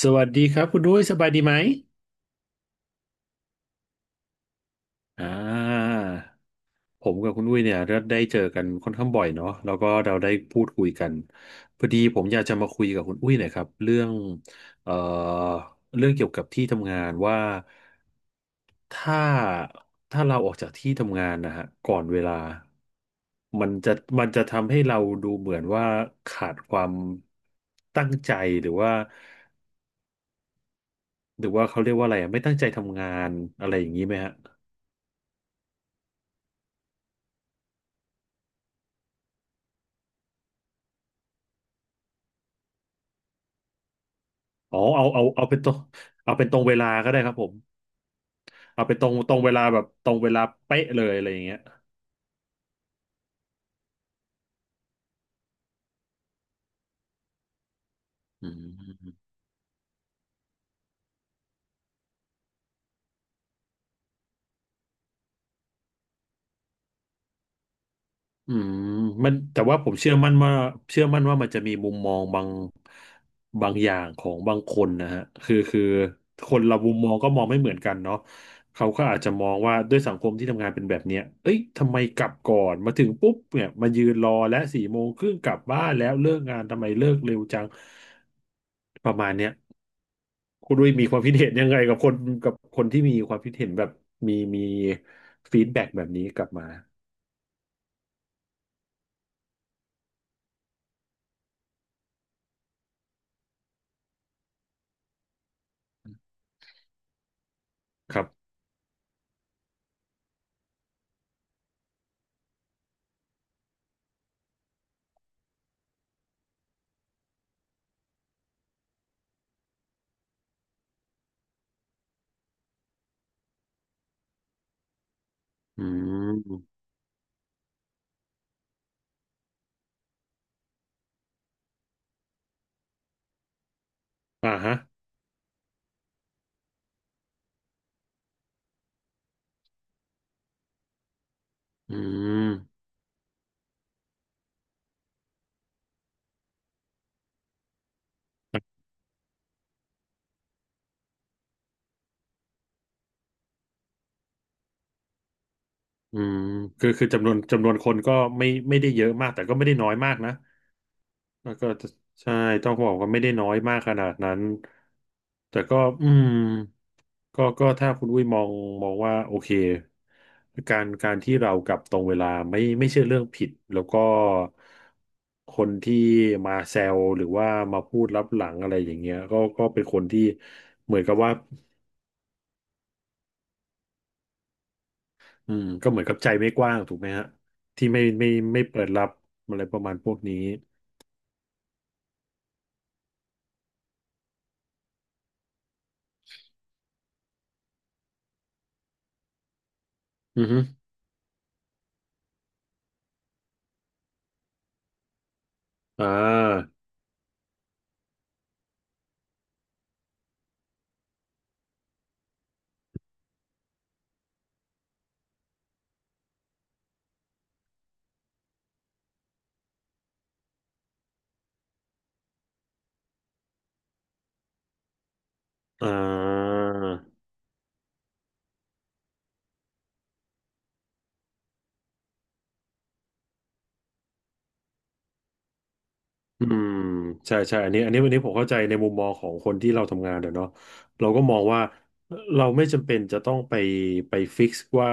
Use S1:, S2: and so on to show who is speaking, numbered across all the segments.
S1: สวัสดีครับคุณด้วยสบายดีไหมอ่าผมกับคุณอุ้ยเนี่ยได้เจอกันค่อนข้างบ่อยเนาะแล้วก็เราได้พูดคุยกันพอดีผมอยากจะมาคุยกับคุณอุ้ยหน่อยครับเรื่องเอ่อเรื่องเกี่ยวกับที่ทำงานว่าถ้าถ้าเราออกจากที่ทำงานนะฮะก่อนเวลามันจะมันจะทำให้เราดูเหมือนว่าขาดความตั้งใจหรือว่าหรือว่าเขาเรียกว่าอะไรอะไม่ตั้งใจทำงานอะไรอย่างนี้ไหมฮะ อ๋อเอาเป็นตรงเอาเป็นตรงเวลาก็ได้ครับผมเอาเป็นตรงเวลาแบบตรงเวลาเป๊ะเลยอะไรอย่างเงี้ยอืมอืมมันแต่ว่าผมเชื่อมั่นว่าเชื่อมั่นว่ามันจะมีมุมมองบางอย่างของบางคนนะฮะคือคนเรามุมมองก็มองไม่เหมือนกันเนาะเขาก็อาจจะมองว่าด้วยสังคมที่ทำงานเป็นแบบเนี้ยเอ้ยทำไมกลับก่อนมาถึงปุ๊บเนี่ยมายืนรอและสี่โมงครึ่งกลับบ้านแล้วเลิกงานทำไมเลิกเร็วจังประมาณเนี้ย คุณดุ้ยมีความคิดเห็นยังไงกับคนกับคนที่มีความคิดเห็นแบบมีฟีดแบ็กแบบนี้กลับมาครับอืมอ่าฮะอืมอืมคือจำนวนคนก็ไม่ได้เยอะมากแต่ก็ไม่ได้น้อยมากนะแล้วก็จะใช่ต้องบอกว่าไม่ได้น้อยมากขนาดนั้นแต่ก็อืม ก็ถ้าคุณวุ้ยมองมองว่าโอเคการที่เรากลับตรงเวลาไม่ใช่เรื่องผิดแล้วก็คนที่มาแซวหรือว่ามาพูดลับหลังอะไรอย่างเงี้ยก็เป็นคนที่เหมือนกับว่าอืมก็เหมือนกับใจไม่กว้างถูกไหมฮะที่ไม่ไม่เปิดรับอะไรประมาณพวกนี้อือฮึอ่าอ่า อืมใช่ใช่อันนี้วันนี้ผมเข้าใจในมุมมองของคนที่เราทำงานเดี๋ยวเนาะเราก็มองว่าเราไม่จำเป็นจะต้องไปไปฟิกซ์ว่า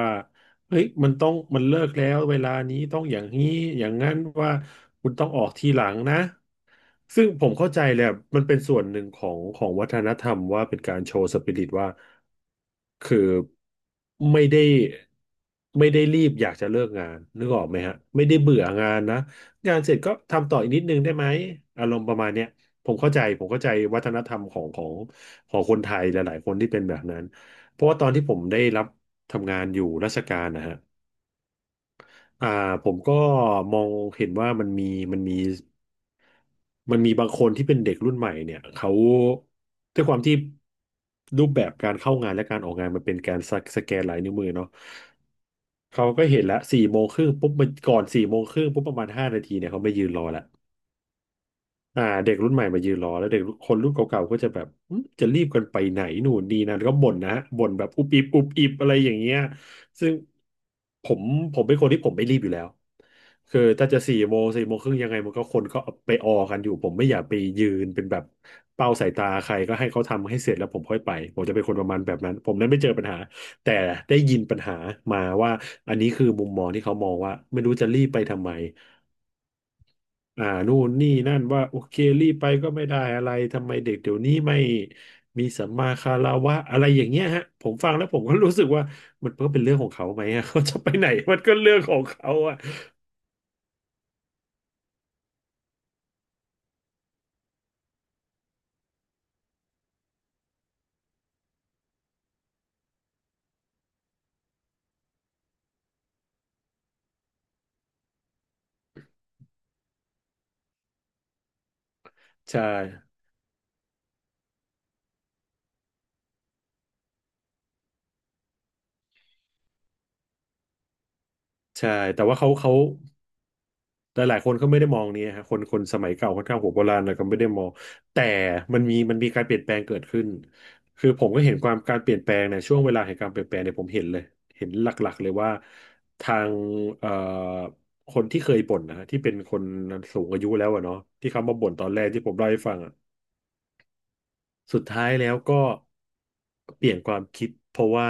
S1: เฮ้ยมันต้องมันเลิกแล้วเวลานี้ต้องอย่างนี้อย่างนั้นว่าคุณต้องออกทีหลังนะซึ่งผมเข้าใจแหละมันเป็นส่วนหนึ่งของของวัฒนธรรมว่าเป็นการโชว์สปิริตว่าคือไม่ได้ไม่ได้รีบอยากจะเลิกงานนึกออกไหมฮะไม่ได้เบื่องานนะ งานเสร็จก็ทำต่ออีกนิดนึงได้ไหมอารมณ์ประมาณเนี้ยผมเข้าใจวัฒนธรรมของของคนไทยหลายๆคนที่เป็นแบบนั้นเพราะว่าตอนที่ผมได้รับทำงานอยู่ราชการนะฮะอ่าผมก็มองเห็นว่ามันมีมันมีบางคนที่เป็นเด็กรุ่นใหม่เนี่ยเขาด้วยความที่รูปแบบการเข้างานและการออกงานมันเป็นการสสแกนลายนิ้วมือเนาะเขาก็เห็นละสี่โมงครึ่งปุ๊บมันก่อนสี่โมงครึ่งปุ๊บประมาณห้านาทีเนี่ยเขาไม่ยืนรอละ อ่าเด็กรุ่นใหม่มายืนรอแล้วเด็กคนรุ่นเก่าๆก็จะแบบอืมจะรีบกันไปไหนหนูนนี่นั่นก็บ่นนะบ่นแบบอุบอิบอุบอิบอะไรอย่างเงี้ยซึ่งผมผมเป็นคนที่ผมไม่รีบอยู่แล้วคือถ้าจะสี่โมงสี่โมงครึ่งยังไงมันก็คนก็ไปออกันอยู่ผมไม่อยากไปยืนเป็นแบบเป้าสายตาใครก็ให้เขาทำให้เสร็จแล้วผมค่อยไปผมจะเป็นคนประมาณแบบนั้นผมนั้นไม่เจอปัญหาแต่ได้ยินปัญหามาว่าอันนี้คือมุมมองที่เขามองว่าไม่รู้จะรีบไปทำไม อ่านู่นนี่นั่นว่าโอเครีบไปก็ไม่ได้อะไรทำไมเด็กเดี๋ยวนี้ไม่มีสัมมาคารวะอะไรอย่างเงี้ยฮะผมฟังแล้วผมก็รู้สึกว่ามันก็เป็นเรื่องของเขาไหมอะ เขาจะไปไหนมันก็เรื่องของเขาอ่ะใช่ใช่แต่ว่าเขา แต่หลายคนก็ไม่ได้มองนี้ฮะคนสมัยเก่าค่อนข้างหัวโบราณแลก็ไม่ได้มองแต่มันมีการเปลี่ยนแปลงเกิดขึ้นคือผมก็เห็นความการเปลี่ยนแปลงในยช่วงเวลาแห่งการเปลี่ยนแปลงเนี่ยผมเห็นเลยเห็นหลักๆเลยว่าทางเอ่อคนที่เคยบ่นนะฮะที่เป็นคนสูงอายุแล้วอะเนาะที่เขามาบ่นตอนแรกที่ผมเล่าให้ฟังอะ สุดท้ายแล้วก็เปลี่ยนความคิดเพราะว่า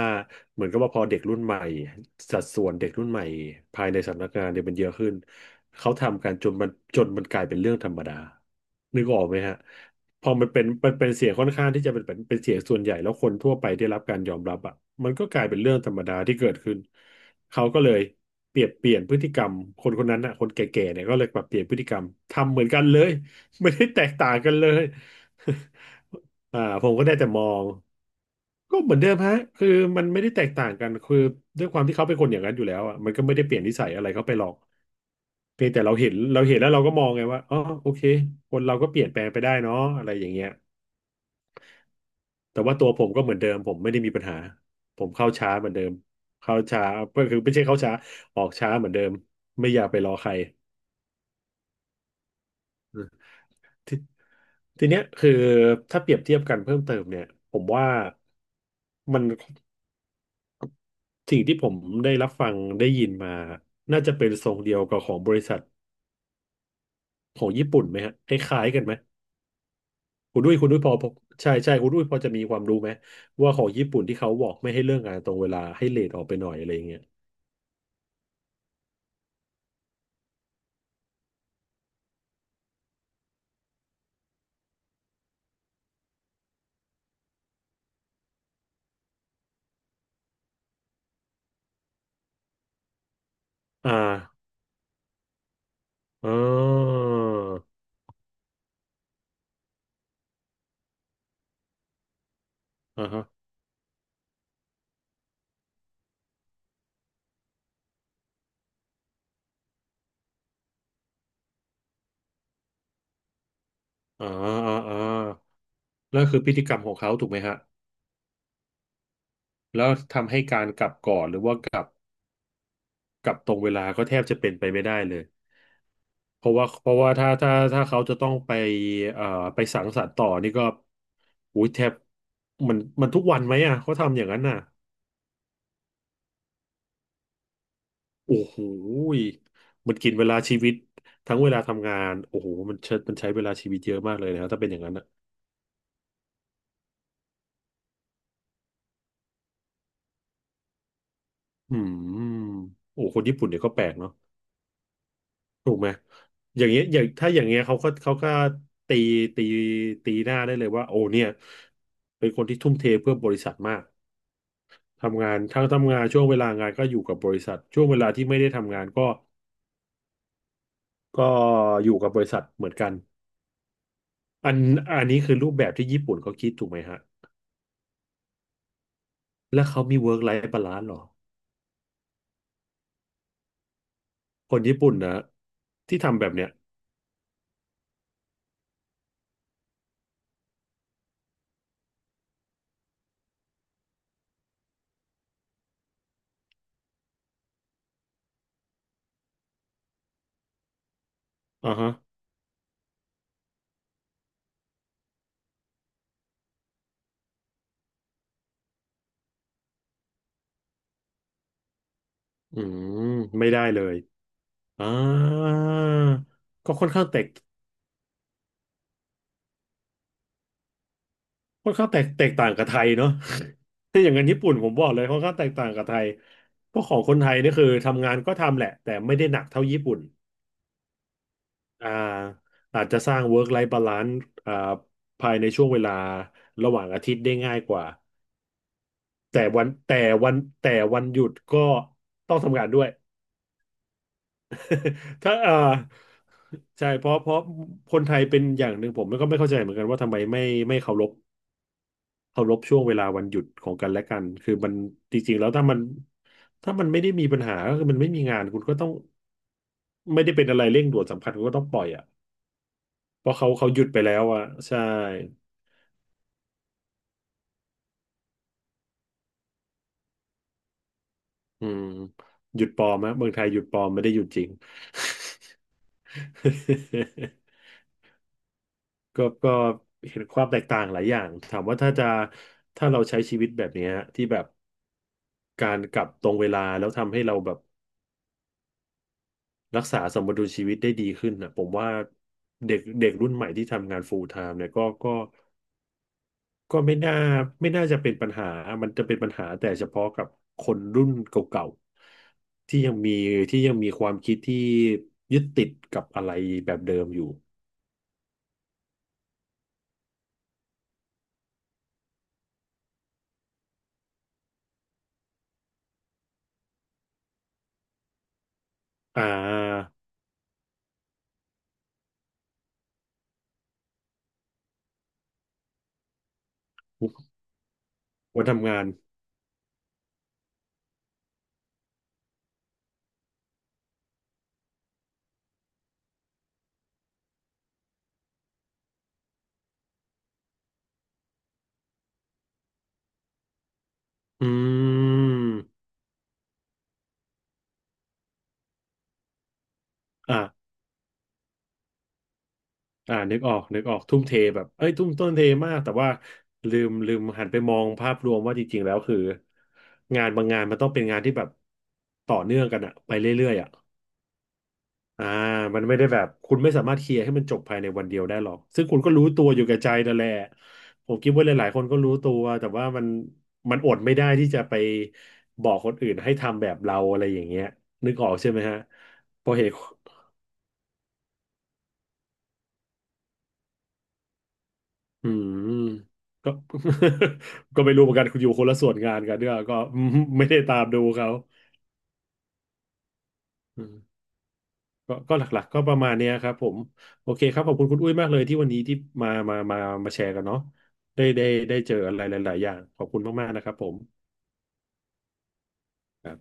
S1: เหมือนกับว่าพอเด็กรุ่นใหม่สัดส่วนเด็กรุ่นใหม่ภายในสำนักงานเนี่ยมันเยอะขึ้นเขาทำกันจนมันกลายเป็นเรื่องธรรมดานึกออกไหมฮะพอมันเป็นเสียงค่อนข้างที่จะเป็นเสียงส่วนใหญ่แล้วคนทั่วไปได้รับการยอมรับอ่ะมันก็กลายเป็นเรื่องธรรมดาที่เกิดขึ้นเขาก็เลยเปลี่ยนพฤติกรรมคนคนนั้นอ่ะคนแก่ๆเนี่ยก็เลยปรับเปลี่ยนพฤติกรรมทำเหมือนกันเลยไม่ได้แตกต่างกันเลย อ่าผมก็ได้แต่มองก็เหมือนเดิมฮะคือมันไม่ได้แตกต่างกันคือด้วยความที่เขาเป็นคนอย่างนั้นอยู่แล้วอ่ะมันก็ไม่ได้เปลี่ยนนิสัยอะไรเขาไปหรอกเพียงแต่เราเห็นแล้วเราก็มองไงว่าอ๋อโอเคคนเราก็เปลี่ยนแปลงไปได้เนาะอะไรอย่างเงี้ยแต่ว่าตัวผมก็เหมือนเดิมผมไม่ได้มีปัญหาผมเข้าช้าเหมือนเดิมเข้าช้าก็คือไม่ใช่เข้าช้าออกช้าเหมือนเดิมไม่อยากไปรอใครทีทีเนี้ยคือถ้าเปรียบเทียบกันเพิ่มเติมเนี่ยผมว่ามัน สิ่งที่ผมได้รับฟังได้ยินมาน่าจะเป็นทรงเดียวกับของบริษัทของญี่ปุ่นไหมฮะคล้ายๆกันไหมคุณด้วยพอใช่ใช่คุณด้วยพอจะมีความรู้ไหมว่าของญี่ปุ่นที่เขาบอกไม่ให้เลิกงานตรงเวลาให้เลทออกไปหน่อยอะไรอย่างเงี้ยอ่าอ่าอ่าฮะอ่าอ่าอ่าแล้วคือพฤติกรรมของเขาถูกไหมฮะแล้วทำให้การกลับก่อนหรือว่า กับตรงเวลาก็แทบจะเป็นไปไม่ได้เลย เพราะว่าถ้าเขาจะต้องไปเอ่อไปสังสรรค์ต่อนี่ก็อุ้ยแทบมันทุกวันไหมอ่ะเขาทำอย่างนั้นน่ะโอ้โหยมันกินเวลาชีวิตทั้งเวลาทำงานโอ้โหมันเชิดมันใช้เวลาชีวิตเยอะมากเลยนะครับถ้าเป็นอย่างนั้นอ่ะอืมโอ้คนญี่ปุ่นเนี่ยก็แปลกเนาะถูกไหมอย่างเงี้ยอย่างถ้าอย่างเงี้ยเขาก็ตีตีตีหน้าได้เลยว่าโอ้เนี่ยเป็นคนที่ทุ่มเทเพื่อบริษัทมาก ทำงานถ้าทำงานช่วงเวลางานก็อยู่กับบริษัทช่วงเวลาที่ไม่ได้ทำงานก็ก็อยู่กับบริษัทเหมือนกันอันอันนี้คือรูปแบบที่ญี่ปุ่นเขาคิดถูกไหมฮะแล้วเขามี work life balance หรอคนญี่ปุ่นนะที่ทำแบบเนี้ยอ่าฮะอืมไม่ได้เลยอ่าก็ค่อนข้างแตกค่อนข้างแตกต่างกับไทยเนาะ ถ้าอย่างนั้นญี่ปุ่นผมบอกเลยค่อนข้างแตกต่างกับไทยเพราะของคนไทยนี่คือทำงานก็ทำแหละแต่ไม่ได้หนักเท่าญี่ปุ่น อ่าอาจจะสร้าง work life balance อ่าภายในช่วงเวลาระหว่างอาทิตย์ได้ง่ายกว่าแต่วันแต่แต่วันหยุดก็ต้องทำงานด้วย ถ้าอ่าใช่เพราะคนไทยเป็นอย่างหนึ่งผมก็ไม่เข้าใจเหมือนกันว่าทำไมไม่ไม่เคารพเคารพช่วงเวลาวันหยุดของกันและกันคือมันจริงๆแล้วถ้ามันไม่ได้มีปัญหาก็คือมันไม่มีงานคุณก็ต้องไม่ได้เป็นอะไรเร่งด่วนสำคัญคุณก็ต้องปล่อยอ่ะเพราะเขาหยุดไปแล้วอ่ะใช่ อืมหยุดปลอมนะเมืองไทยหยุดปลอมไม่ได้หยุดจริง ก็เห็นความแตกต่างหลายอย่างถามว่าถ้าจะถ้าเราใช้ชีวิตแบบเนี้ยที่แบบการกลับตรงเวลาแล้วทำให้เราแบบรักษาสมดุลชีวิตได้ดีขึ้นนะผมว่าเด็กเด็กรุ่นใหม่ที่ทำงาน full time เนี่ยก็ไม่น่าจะเป็นปัญหา มันจะเป็นปัญหาแต่เฉพาะกับคนรุ่นเก่าๆที่ยังมีความคิดที่ยึดติดกับอะไรแบบเดิมอยู่อ่าวันทำงานอืมอ่าอ่านึกออกทุ่มเทแบบเอ้ยทุ่มต้นเทมากแต่ว่าลืมหันไปมองภาพรวมว่าจริงๆแล้วคืองานบางงานมันต้องเป็นงานที่แบบต่อเนื่องกันอะไปเรื่อยๆอะ อ่ามันไม่ได้แบบคุณไม่สามารถเคลียร์ให้มันจบภายในวันเดียวได้หรอกซึ่งคุณก็รู้ตัวอยู่กับใจนั่นแหละผมคิดว่าหลายๆคนก็รู้ตัวแต่ว่ามันมันอดไม่ได้ที่จะไปบอกคนอื่นให้ทำแบบเราอะไรอย่างเงี้ยนึกออกใช่ไหมฮะเพอเหตุอืมก็ ก็ไม่รู้เหมือนกันคุณอยู่คนละส่วนงานกันเนี่ยก็ ไม่ได้ตามดูเขา ก็หลักๆก็ประมาณเนี้ยครับผมโอเคครับขอบคุณคุณอุ้ยมากเลยที่วันนี้ที่มามาแชร์กันเนาะได้ได้เจออะไรหลายๆอย่างขอบคุณมากๆนะครับผมครับ